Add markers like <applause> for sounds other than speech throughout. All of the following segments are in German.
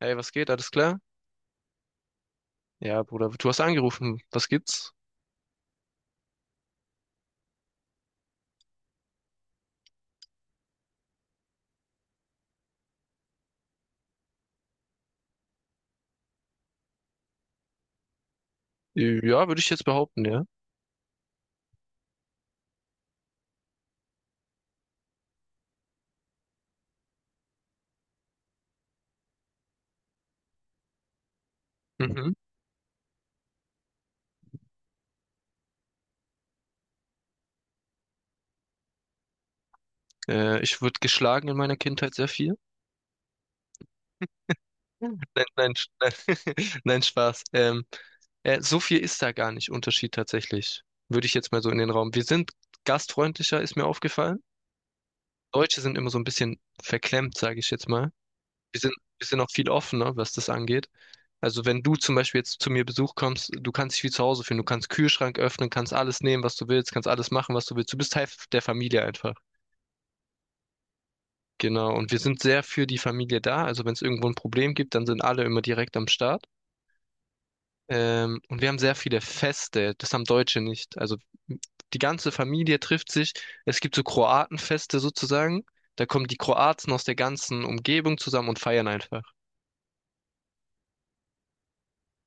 Hey, was geht? Alles klar? Ja, Bruder, du hast angerufen. Was gibt's? Ja, würde ich jetzt behaupten, ja. Mhm. Ich wurde geschlagen in meiner Kindheit sehr viel. Nein, nein, <laughs> nein, Spaß. So viel ist da gar nicht Unterschied tatsächlich. Würde ich jetzt mal so in den Raum. Wir sind gastfreundlicher, ist mir aufgefallen. Deutsche sind immer so ein bisschen verklemmt, sage ich jetzt mal. Wir sind, wir sind auch viel offener, was das angeht. Also wenn du zum Beispiel jetzt zu mir Besuch kommst, du kannst dich wie zu Hause fühlen. Du kannst Kühlschrank öffnen, kannst alles nehmen, was du willst, kannst alles machen, was du willst. Du bist Teil der Familie einfach. Genau. Und wir sind sehr für die Familie da. Also wenn es irgendwo ein Problem gibt, dann sind alle immer direkt am Start. Und wir haben sehr viele Feste. Das haben Deutsche nicht. Also die ganze Familie trifft sich. Es gibt so Kroatenfeste sozusagen. Da kommen die Kroaten aus der ganzen Umgebung zusammen und feiern einfach.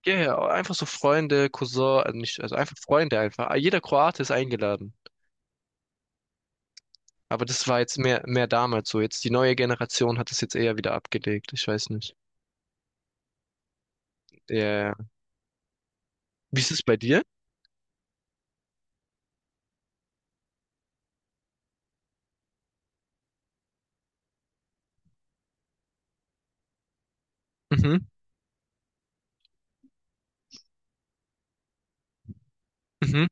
Ja, ja, einfach so Freunde, Cousin, also nicht, also einfach Freunde einfach. Jeder Kroate ist eingeladen. Aber das war jetzt mehr damals so. Jetzt die neue Generation hat das jetzt eher wieder abgelegt. Ich weiß nicht. Ja, ja, ja. Wie ist es bei dir? Mhm, mhm,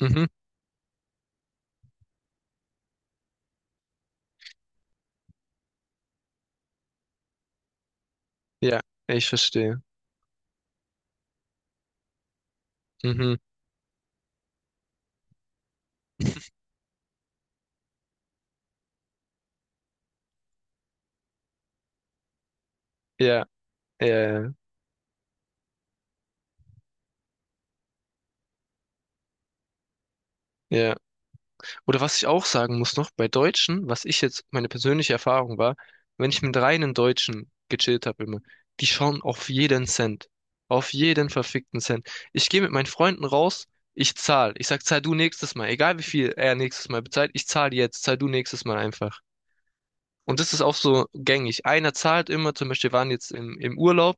mhm. Ja, ich verstehe. Mhm. Ja, ja, ja, ja. Ja. Oder was ich auch sagen muss noch, bei Deutschen, was ich jetzt, meine persönliche Erfahrung war, wenn ich mit reinen Deutschen gechillt habe immer, die schauen auf jeden Cent. Auf jeden verfickten Cent. Ich gehe mit meinen Freunden raus, ich zahl. Ich sag, zahl du nächstes Mal. Egal wie viel er nächstes Mal bezahlt, ich zahl jetzt, zahl du nächstes Mal einfach. Und das ist auch so gängig. Einer zahlt immer, zum Beispiel wir waren jetzt im Urlaub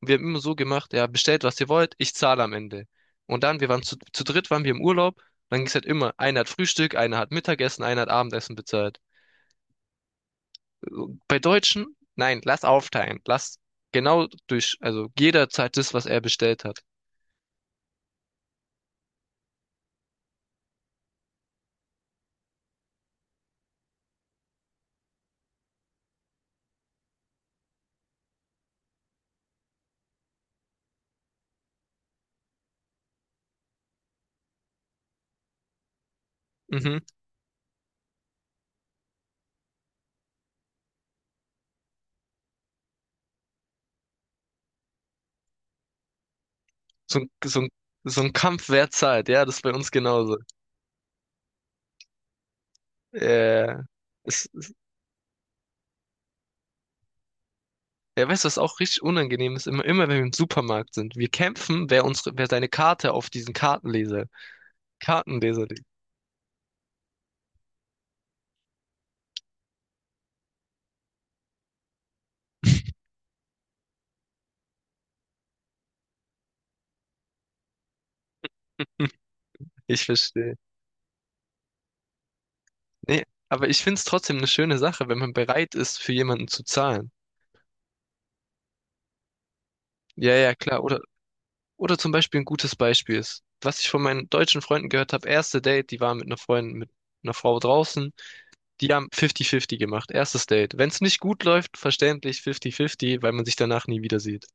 und wir haben immer so gemacht, ja, bestellt, was ihr wollt, ich zahle am Ende. Und dann, wir waren zu dritt, waren wir im Urlaub, dann ging es halt immer, einer hat Frühstück, einer hat Mittagessen, einer hat Abendessen bezahlt. Bei Deutschen, nein, lass aufteilen, lass genau durch, also jeder zahlt das, was er bestellt hat. Mhm. So, ein- so, ein- so ein Kampf, wer zahlt, ja, das ist bei uns genauso. Äh, es, Ja, weißt du, was auch richtig unangenehm ist? Immer wenn wir im Supermarkt sind. Wir kämpfen, wer seine Karte auf diesen Kartenleser legt. <laughs> Ich verstehe. Nee, aber ich find's trotzdem eine schöne Sache, wenn man bereit ist, für jemanden zu zahlen. Ja, ja, klar. Oder zum Beispiel ein gutes Beispiel ist, was ich von meinen deutschen Freunden gehört habe, erste Date, die waren mit einer Freundin, mit einer Frau draußen, die haben 50-50 gemacht, erstes Date. Wenn es nicht gut läuft, verständlich 50-50, weil man sich danach nie wieder sieht.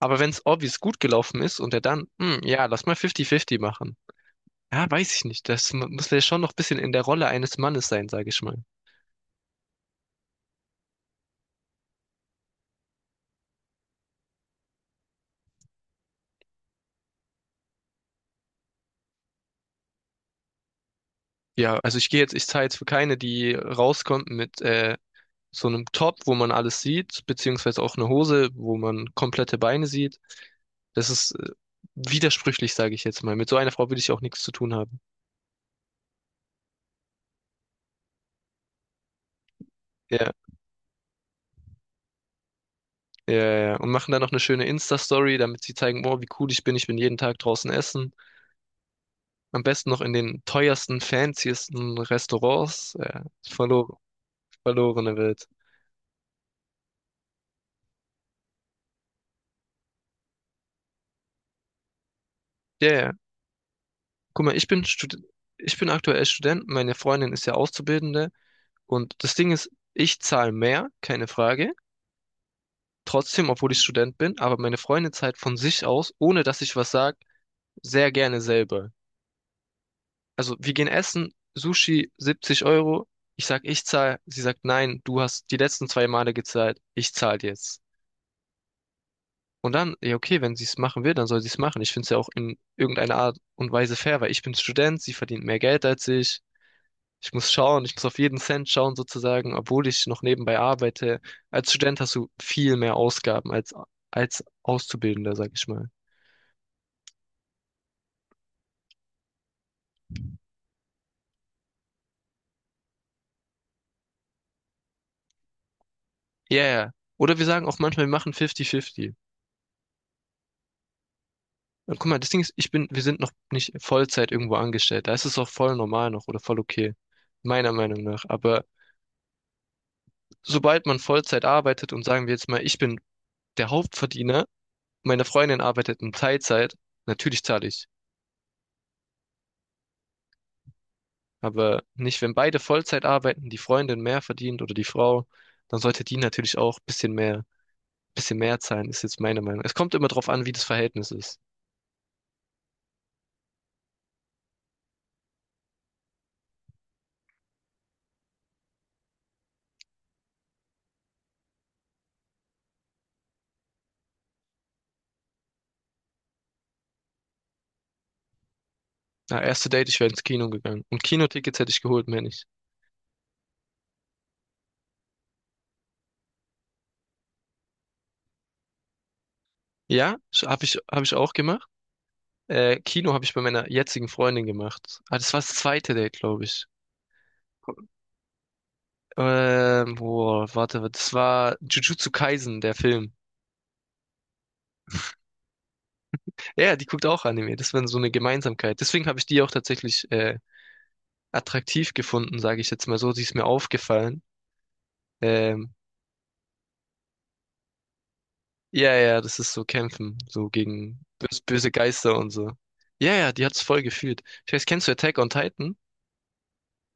Aber wenn es obvious gut gelaufen ist und er dann, hm, ja, lass mal 50-50 machen. Ja, weiß ich nicht. Das muss ja schon noch ein bisschen in der Rolle eines Mannes sein, sage ich mal. Ja, also ich gehe jetzt, ich zahle jetzt für keine, die rauskommt mit so einem Top, wo man alles sieht, beziehungsweise auch eine Hose, wo man komplette Beine sieht. Das ist widersprüchlich, sage ich jetzt mal. Mit so einer Frau will ich auch nichts zu tun haben. Ja, ja, ja. Und machen dann noch eine schöne Insta-Story, damit sie zeigen, boah, wie cool ich bin jeden Tag draußen essen. Am besten noch in den teuersten, fancysten Restaurants. Ja, verlorene Welt. Ja, ja. Guck mal, ich bin Stud Ich bin aktuell Student, meine Freundin ist ja Auszubildende und das Ding ist, ich zahle mehr, keine Frage. Trotzdem, obwohl ich Student bin, aber meine Freundin zahlt von sich aus, ohne dass ich was sage, sehr gerne selber. Also wir gehen essen, Sushi 70 Euro. Ich sag, ich zahle. Sie sagt, nein, du hast die letzten zwei Male gezahlt. Ich zahle jetzt. Und dann, ja, okay, wenn sie es machen will, dann soll sie es machen. Ich finde es ja auch in irgendeiner Art und Weise fair, weil ich bin Student, sie verdient mehr Geld als ich. Ich muss schauen, ich muss auf jeden Cent schauen sozusagen, obwohl ich noch nebenbei arbeite. Als Student hast du viel mehr Ausgaben als Auszubildender, sag ich mal. Ja, yeah. Oder wir sagen auch manchmal, wir machen 50-50. Und guck mal, das Ding ist, wir sind noch nicht Vollzeit irgendwo angestellt. Da ist es auch voll normal noch oder voll okay. Meiner Meinung nach. Aber sobald man Vollzeit arbeitet und sagen wir jetzt mal, ich bin der Hauptverdiener, meine Freundin arbeitet in Teilzeit. Natürlich zahle ich. Aber nicht, wenn beide Vollzeit arbeiten, die Freundin mehr verdient oder die Frau, dann sollte die natürlich auch ein bisschen mehr zahlen, ist jetzt meine Meinung. Es kommt immer drauf an, wie das Verhältnis ist. Na, erste Date, ich wäre ins Kino gegangen. Und Kinotickets hätte ich geholt, mehr nicht. Ja, hab ich auch gemacht. Kino habe ich bei meiner jetzigen Freundin gemacht. Ah, das war das zweite Date, glaube ich. Boah, warte, das war Jujutsu Kaisen, der Film. Ja, die guckt auch Anime. Das war so eine Gemeinsamkeit. Deswegen habe ich die auch tatsächlich attraktiv gefunden, sage ich jetzt mal so. Die ist mir aufgefallen. Ähm, ja, ja, das ist so Kämpfen, so gegen böse Geister und so. Ja, ja, die hat's voll gefühlt. Ich weiß, kennst du Attack on Titan?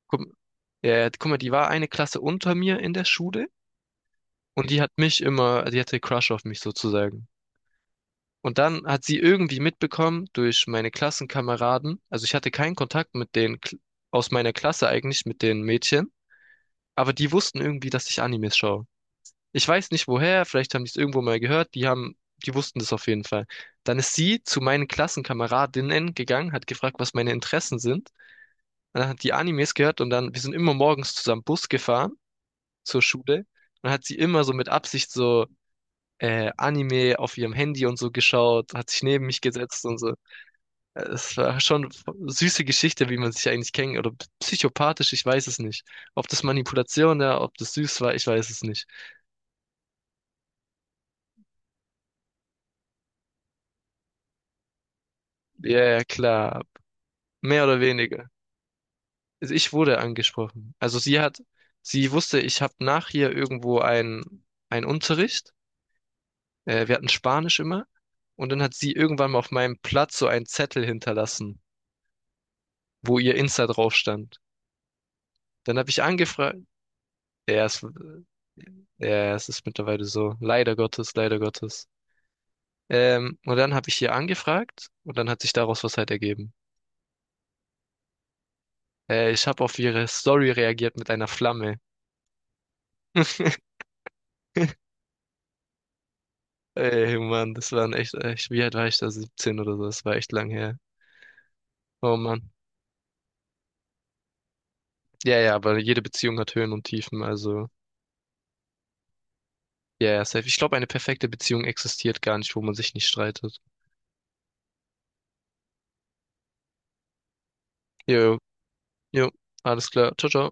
Guck, ja, ja, guck mal, die war eine Klasse unter mir in der Schule und die hat mich immer, die hatte Crush auf mich sozusagen. Und dann hat sie irgendwie mitbekommen durch meine Klassenkameraden, also ich hatte keinen Kontakt mit den aus meiner Klasse eigentlich, mit den Mädchen. Aber die wussten irgendwie, dass ich Animes schaue. Ich weiß nicht woher, vielleicht haben die es irgendwo mal gehört, die wussten das auf jeden Fall. Dann ist sie zu meinen Klassenkameradinnen gegangen, hat gefragt, was meine Interessen sind. Und dann hat die Animes gehört und dann, wir sind immer morgens zusammen Bus gefahren zur Schule. Und dann hat sie immer so mit Absicht so Anime auf ihrem Handy und so geschaut, hat sich neben mich gesetzt und so. Es war schon eine süße Geschichte, wie man sich eigentlich kennt. Oder psychopathisch, ich weiß es nicht. Ob das Manipulation war, ob das süß war, ich weiß es nicht. Ja, ja, klar. Mehr oder weniger. Also ich wurde angesprochen. Sie wusste, ich habe nach hier irgendwo einen Unterricht. Wir hatten Spanisch immer. Und dann hat sie irgendwann mal auf meinem Platz so einen Zettel hinterlassen, wo ihr Insta drauf stand. Dann habe ich angefragt. Ja, es, ja, es ist mittlerweile so. Leider Gottes, leider Gottes. Und dann habe ich ihr angefragt und dann hat sich daraus was halt ergeben. Ich habe auf ihre Story reagiert mit einer Flamme. <laughs> Ey, Mann, das waren echt, wie alt war ich da? 17 oder so, das war echt lang her. Oh Mann. Ja, ja, aber jede Beziehung hat Höhen und Tiefen, also. Ja, ja, safe. Ich glaube, eine perfekte Beziehung existiert gar nicht, wo man sich nicht streitet. Jo, jo, alles klar. Ciao, ciao.